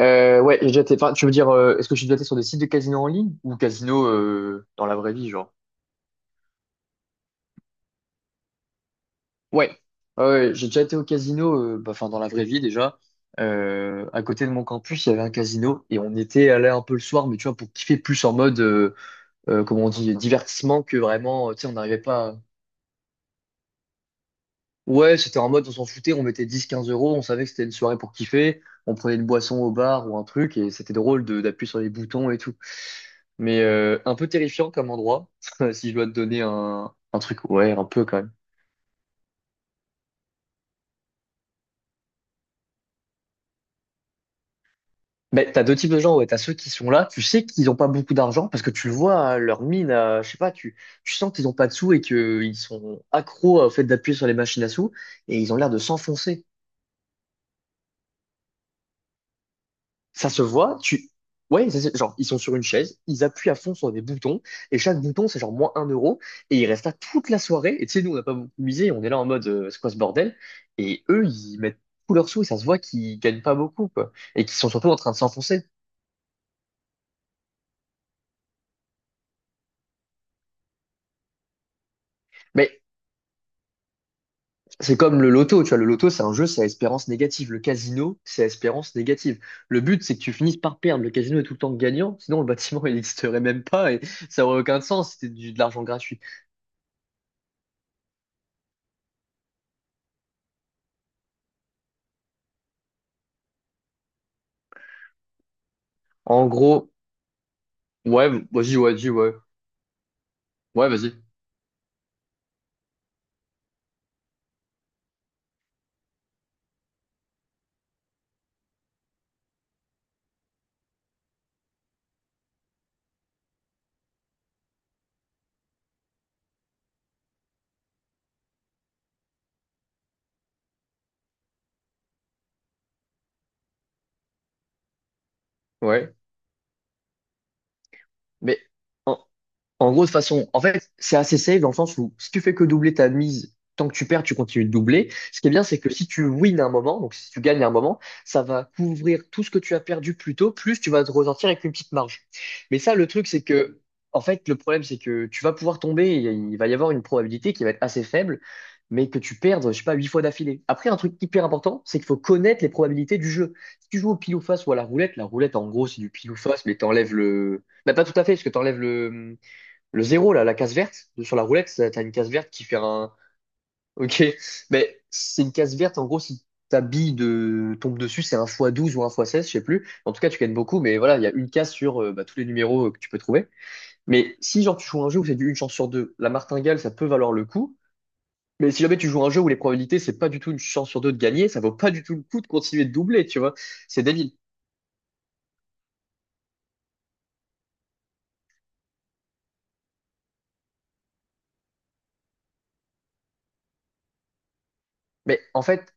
Ouais, j'ai déjà été. Enfin, tu veux dire, est-ce que j'ai déjà été sur des sites de casino en ligne ou casino dans la vraie vie, genre? Ouais. Ah ouais, j'ai déjà été au casino, bah, enfin dans la vraie vie déjà. À côté de mon campus, il y avait un casino et on était allé un peu le soir, mais tu vois, pour kiffer plus en mode, comment on dit, divertissement que vraiment, tu sais, on n'arrivait pas. Ouais, c'était en mode, on s'en foutait, on mettait 10-15 euros, on savait que c'était une soirée pour kiffer, on prenait une boisson au bar ou un truc et c'était drôle de d'appuyer sur les boutons et tout. Mais un peu terrifiant comme endroit, si je dois te donner un truc, ouais, un peu quand même. Mais t'as deux types de gens, ouais. T'as ceux qui sont là, tu sais qu'ils n'ont pas beaucoup d'argent parce que tu le vois, hein, leur mine, je sais pas, tu sens qu'ils n'ont pas de sous et qu'ils sont accros au fait d'appuyer sur les machines à sous et ils ont l'air de s'enfoncer. Ça se voit, tu. Ouais, ça, genre, ils sont sur une chaise, ils appuient à fond sur des boutons, et chaque bouton, c'est genre -1 euro, et ils restent là toute la soirée, et tu sais, nous, on n'a pas beaucoup misé, on est là en mode, c'est quoi ce bordel? Et eux, ils mettent tous leurs sous, et ça se voit qu'ils gagnent pas beaucoup, quoi, et qu'ils sont surtout en train de s'enfoncer. Mais c'est comme le loto, tu vois, le loto, c'est un jeu, c'est à espérance négative. Le casino, c'est à espérance négative. Le but, c'est que tu finisses par perdre. Le casino est tout le temps gagnant, sinon le bâtiment, il n'existerait même pas, et ça aurait aucun sens, c'était de l'argent gratuit. En gros. Ouais, vas-y, ouais, dis, ouais. Ouais, vas-y. Ouais. Mais en, En gros, de façon, en fait, c'est assez safe dans le sens où si tu fais que doubler ta mise, tant que tu perds, tu continues de doubler. Ce qui est bien, c'est que si tu wins un moment, donc si tu gagnes un moment, ça va couvrir tout ce que tu as perdu plus tôt, plus tu vas te ressortir avec une petite marge. Mais ça, le truc, c'est que, en fait, le problème, c'est que tu vas pouvoir tomber, et il va y avoir une probabilité qui va être assez faible, mais que tu perdes, je sais pas, 8 fois d'affilée. Après, un truc hyper important, c'est qu'il faut connaître les probabilités du jeu. Si tu joues au pile ou face ou à la roulette, en gros, c'est du pile ou face, mais t'enlèves le... Bah, pas tout à fait, parce que t'enlèves le zéro, là, la case verte, sur la roulette, t'as une case verte qui fait un... Ok, mais c'est une case verte, en gros, si ta bille de... tombe dessus, c'est un x12 ou un x16, je sais plus. En tout cas, tu gagnes beaucoup, mais voilà, il y a une case sur bah, tous les numéros que tu peux trouver. Mais si, genre, tu joues un jeu où c'est du une chance sur deux, la martingale, ça peut valoir le coup. Mais si jamais tu joues un jeu où les probabilités, c'est pas du tout une chance sur deux de gagner, ça vaut pas du tout le coup de continuer de doubler, tu vois. C'est débile. Mais en fait,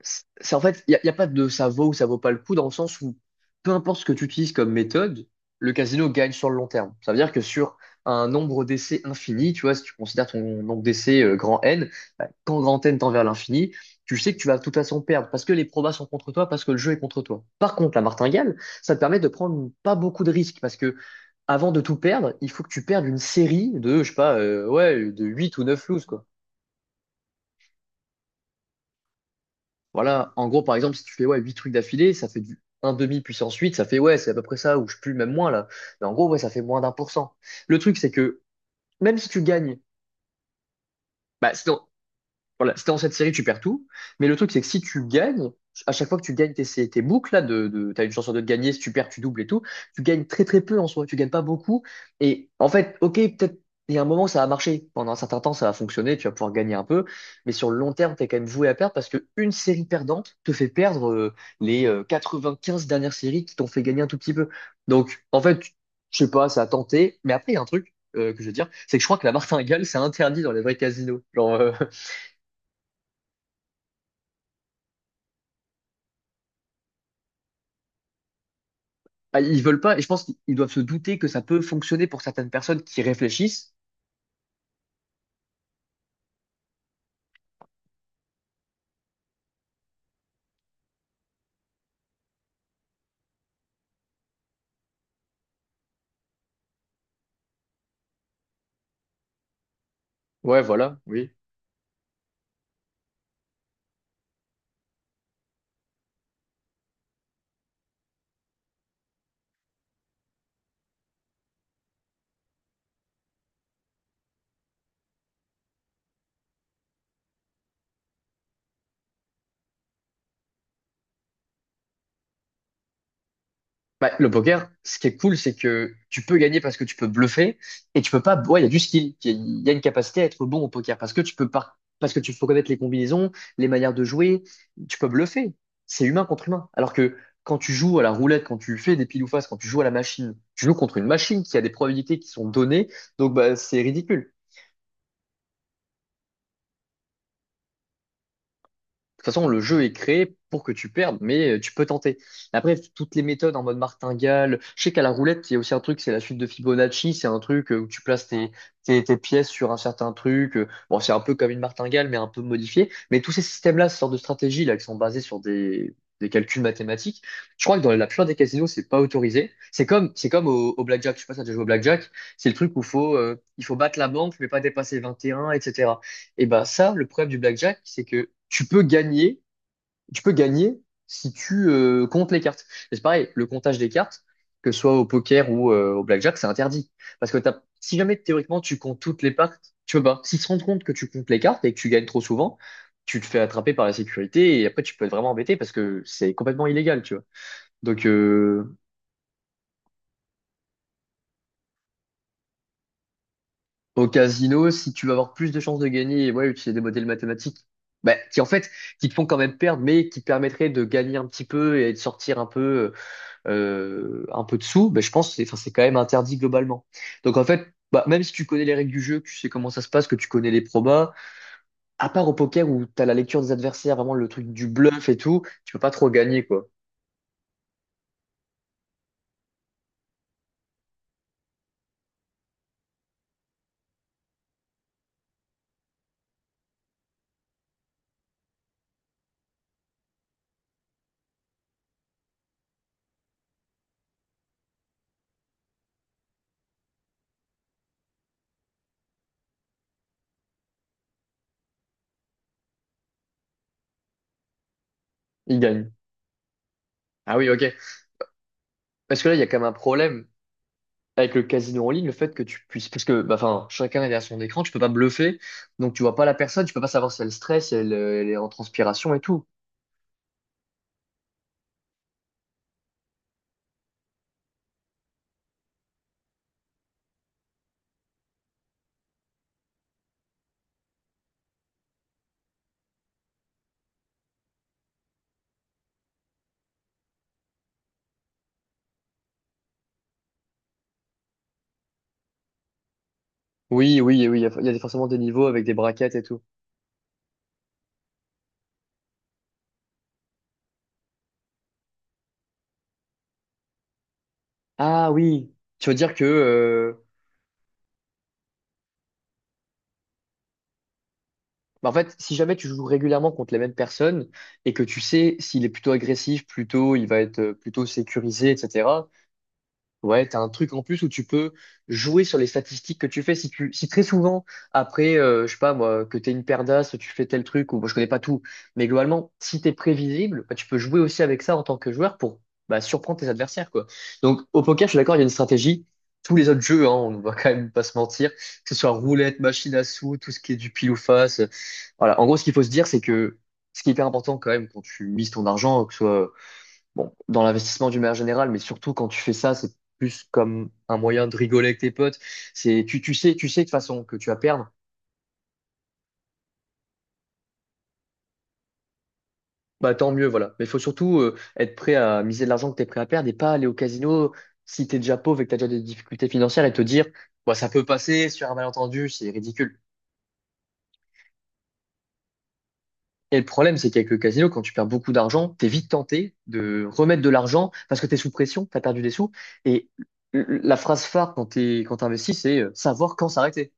c'est y a pas de ça vaut ou ça vaut pas le coup dans le sens où peu importe ce que tu utilises comme méthode, le casino gagne sur le long terme. Ça veut dire que sur un nombre d'essais infini, tu vois, si tu considères ton nombre d'essais grand N, bah, quand grand N tend vers l'infini, tu sais que tu vas de toute façon perdre parce que les probas sont contre toi, parce que le jeu est contre toi. Par contre, la martingale, ça te permet de prendre pas beaucoup de risques parce que avant de tout perdre, il faut que tu perdes une série de, je sais pas, ouais, de 8 ou 9 looses, quoi. Voilà, en gros, par exemple, si tu fais ouais, 8 trucs d'affilée, ça fait du un demi puissance 8 ça fait ouais, c'est à peu près ça, ou je pue même moins là. Mais en gros, ouais, ça fait moins d'1%. Le truc, c'est que même si tu gagnes, bah, voilà, si t'es dans cette série, tu perds tout. Mais le truc, c'est que si tu gagnes, à chaque fois que tu gagnes tes boucles, là, t'as une chance sur deux de gagner, si tu perds, tu doubles et tout, tu gagnes très très peu en soi, tu gagnes pas beaucoup. Et en fait, ok, peut-être, il y a un moment, ça va marcher. Pendant un certain temps, ça va fonctionner, tu vas pouvoir gagner un peu. Mais sur le long terme, t'es quand même voué à perdre parce que une série perdante te fait perdre les 95 dernières séries qui t'ont fait gagner un tout petit peu. Donc, en fait, je sais pas, ça a tenté. Mais après, il y a un truc. Que je veux dire, c'est que je crois que la martingale, c'est interdit dans les vrais casinos. Genre, Ah, ils veulent pas, et je pense qu'ils doivent se douter que ça peut fonctionner pour certaines personnes qui réfléchissent. Ouais, voilà, oui. Bah, le poker, ce qui est cool, c'est que tu peux gagner parce que tu peux bluffer et tu peux pas. Ouais, il y a du skill, il y a une capacité à être bon au poker parce que parce que tu faut connaître les combinaisons, les manières de jouer. Tu peux bluffer. C'est humain contre humain. Alors que quand tu joues à la roulette, quand tu fais des pile ou face, quand tu joues à la machine, tu joues contre une machine qui a des probabilités qui sont données. Donc bah, c'est ridicule. Toute façon, le jeu est créé pour que tu perdes, mais tu peux tenter. Après, toutes les méthodes en mode martingale, je sais qu'à la roulette, il y a aussi un truc, c'est la suite de Fibonacci, c'est un truc où tu places tes pièces sur un certain truc. Bon, c'est un peu comme une martingale, mais un peu modifié. Mais tous ces systèmes-là, ces sortes de stratégies là, qui sont basées sur des calculs mathématiques, je crois que dans la plupart des casinos, c'est pas autorisé. C'est comme au blackjack, je sais pas si tu as déjà joué au blackjack, c'est le truc où faut, il faut battre la banque, mais pas dépasser 21, etc. Et ben ça, le problème du blackjack, c'est que tu peux gagner si tu comptes les cartes. Et c'est pareil, le comptage des cartes, que ce soit au poker ou au blackjack, c'est interdit. Parce que si jamais théoriquement tu comptes toutes les cartes, tu peux pas. S'ils se rendent compte que tu comptes les cartes et que tu gagnes trop souvent, tu te fais attraper par la sécurité et après tu peux être vraiment embêté parce que c'est complètement illégal, tu vois. Donc au casino, si tu vas avoir plus de chances de gagner, et ouais, utiliser des modèles mathématiques, bah, qui en fait, qui te font quand même perdre, mais qui te permettraient de gagner un petit peu et de sortir un peu de sous, bah, je pense que c'est, enfin, c'est quand même interdit globalement. Donc en fait, bah, même si tu connais les règles du jeu, que tu sais comment ça se passe, que tu connais les probas, à part au poker où t'as la lecture des adversaires, vraiment le truc du bluff et tout, tu peux pas trop gagner, quoi. Ils gagnent. Ah oui, ok. Parce que là, il y a quand même un problème avec le casino en ligne, le fait que tu puisses, parce que, bah, enfin, chacun est derrière son écran, tu peux pas bluffer, donc tu vois pas la personne, tu peux pas savoir si elle stresse, si elle, elle est en transpiration et tout. Oui, oui, oui, il y a forcément des niveaux avec des braquettes et tout. Ah oui, tu veux dire que, bah, en fait, si jamais tu joues régulièrement contre les mêmes personnes et que tu sais s'il est plutôt agressif, plutôt, il va être plutôt sécurisé, etc. Ouais, t'as un truc en plus où tu peux jouer sur les statistiques que tu fais. Si tu, si très souvent, après, je sais pas moi, que t'es une paire d'as, tu fais tel truc, ou bon, je connais pas tout, mais globalement, si t'es prévisible, bah, tu peux jouer aussi avec ça en tant que joueur pour bah, surprendre tes adversaires, quoi. Donc, au poker, je suis d'accord, il y a une stratégie. Tous les autres jeux, hein, on ne va quand même pas se mentir, que ce soit roulette, machine à sous, tout ce qui est du pile ou face. Voilà. En gros, ce qu'il faut se dire, c'est que ce qui est hyper important quand même quand tu mises ton argent, que ce soit bon, dans l'investissement d'une manière générale, mais surtout quand tu fais ça, c'est plus comme un moyen de rigoler avec tes potes. C'est, tu, tu sais de toute façon que tu vas perdre. Bah, tant mieux, voilà. Mais il faut surtout être prêt à miser de l'argent que tu es prêt à perdre et pas aller au casino si tu es déjà pauvre et que tu as déjà des difficultés financières et te dire, bah, ça peut passer sur un malentendu, c'est ridicule. Et le problème, c'est qu'avec le casino, quand tu perds beaucoup d'argent, t'es vite tenté de remettre de l'argent parce que t'es sous pression, t'as perdu des sous. Et la phrase phare quand t'es, quand t'investis, c'est savoir quand s'arrêter.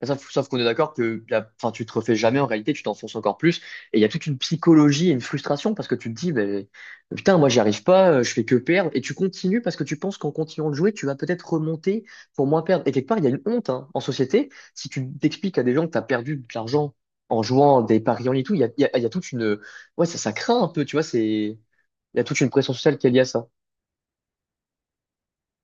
Sauf qu'on est d'accord que la, enfin, tu te refais jamais en réalité, tu t'enfonces encore plus. Et il y a toute une psychologie et une frustration parce que tu te dis, ben, putain, moi j'y arrive pas, je fais que perdre. Et tu continues parce que tu penses qu'en continuant de jouer, tu vas peut-être remonter pour moins perdre. Et quelque part, il y a une honte hein, en société. Si tu t'expliques à des gens que tu as perdu de l'argent en jouant des paris en ligne et tout, il y a toute une... Ouais, ça craint un peu, tu vois, c'est... Il y a toute une pression sociale qui est liée à ça.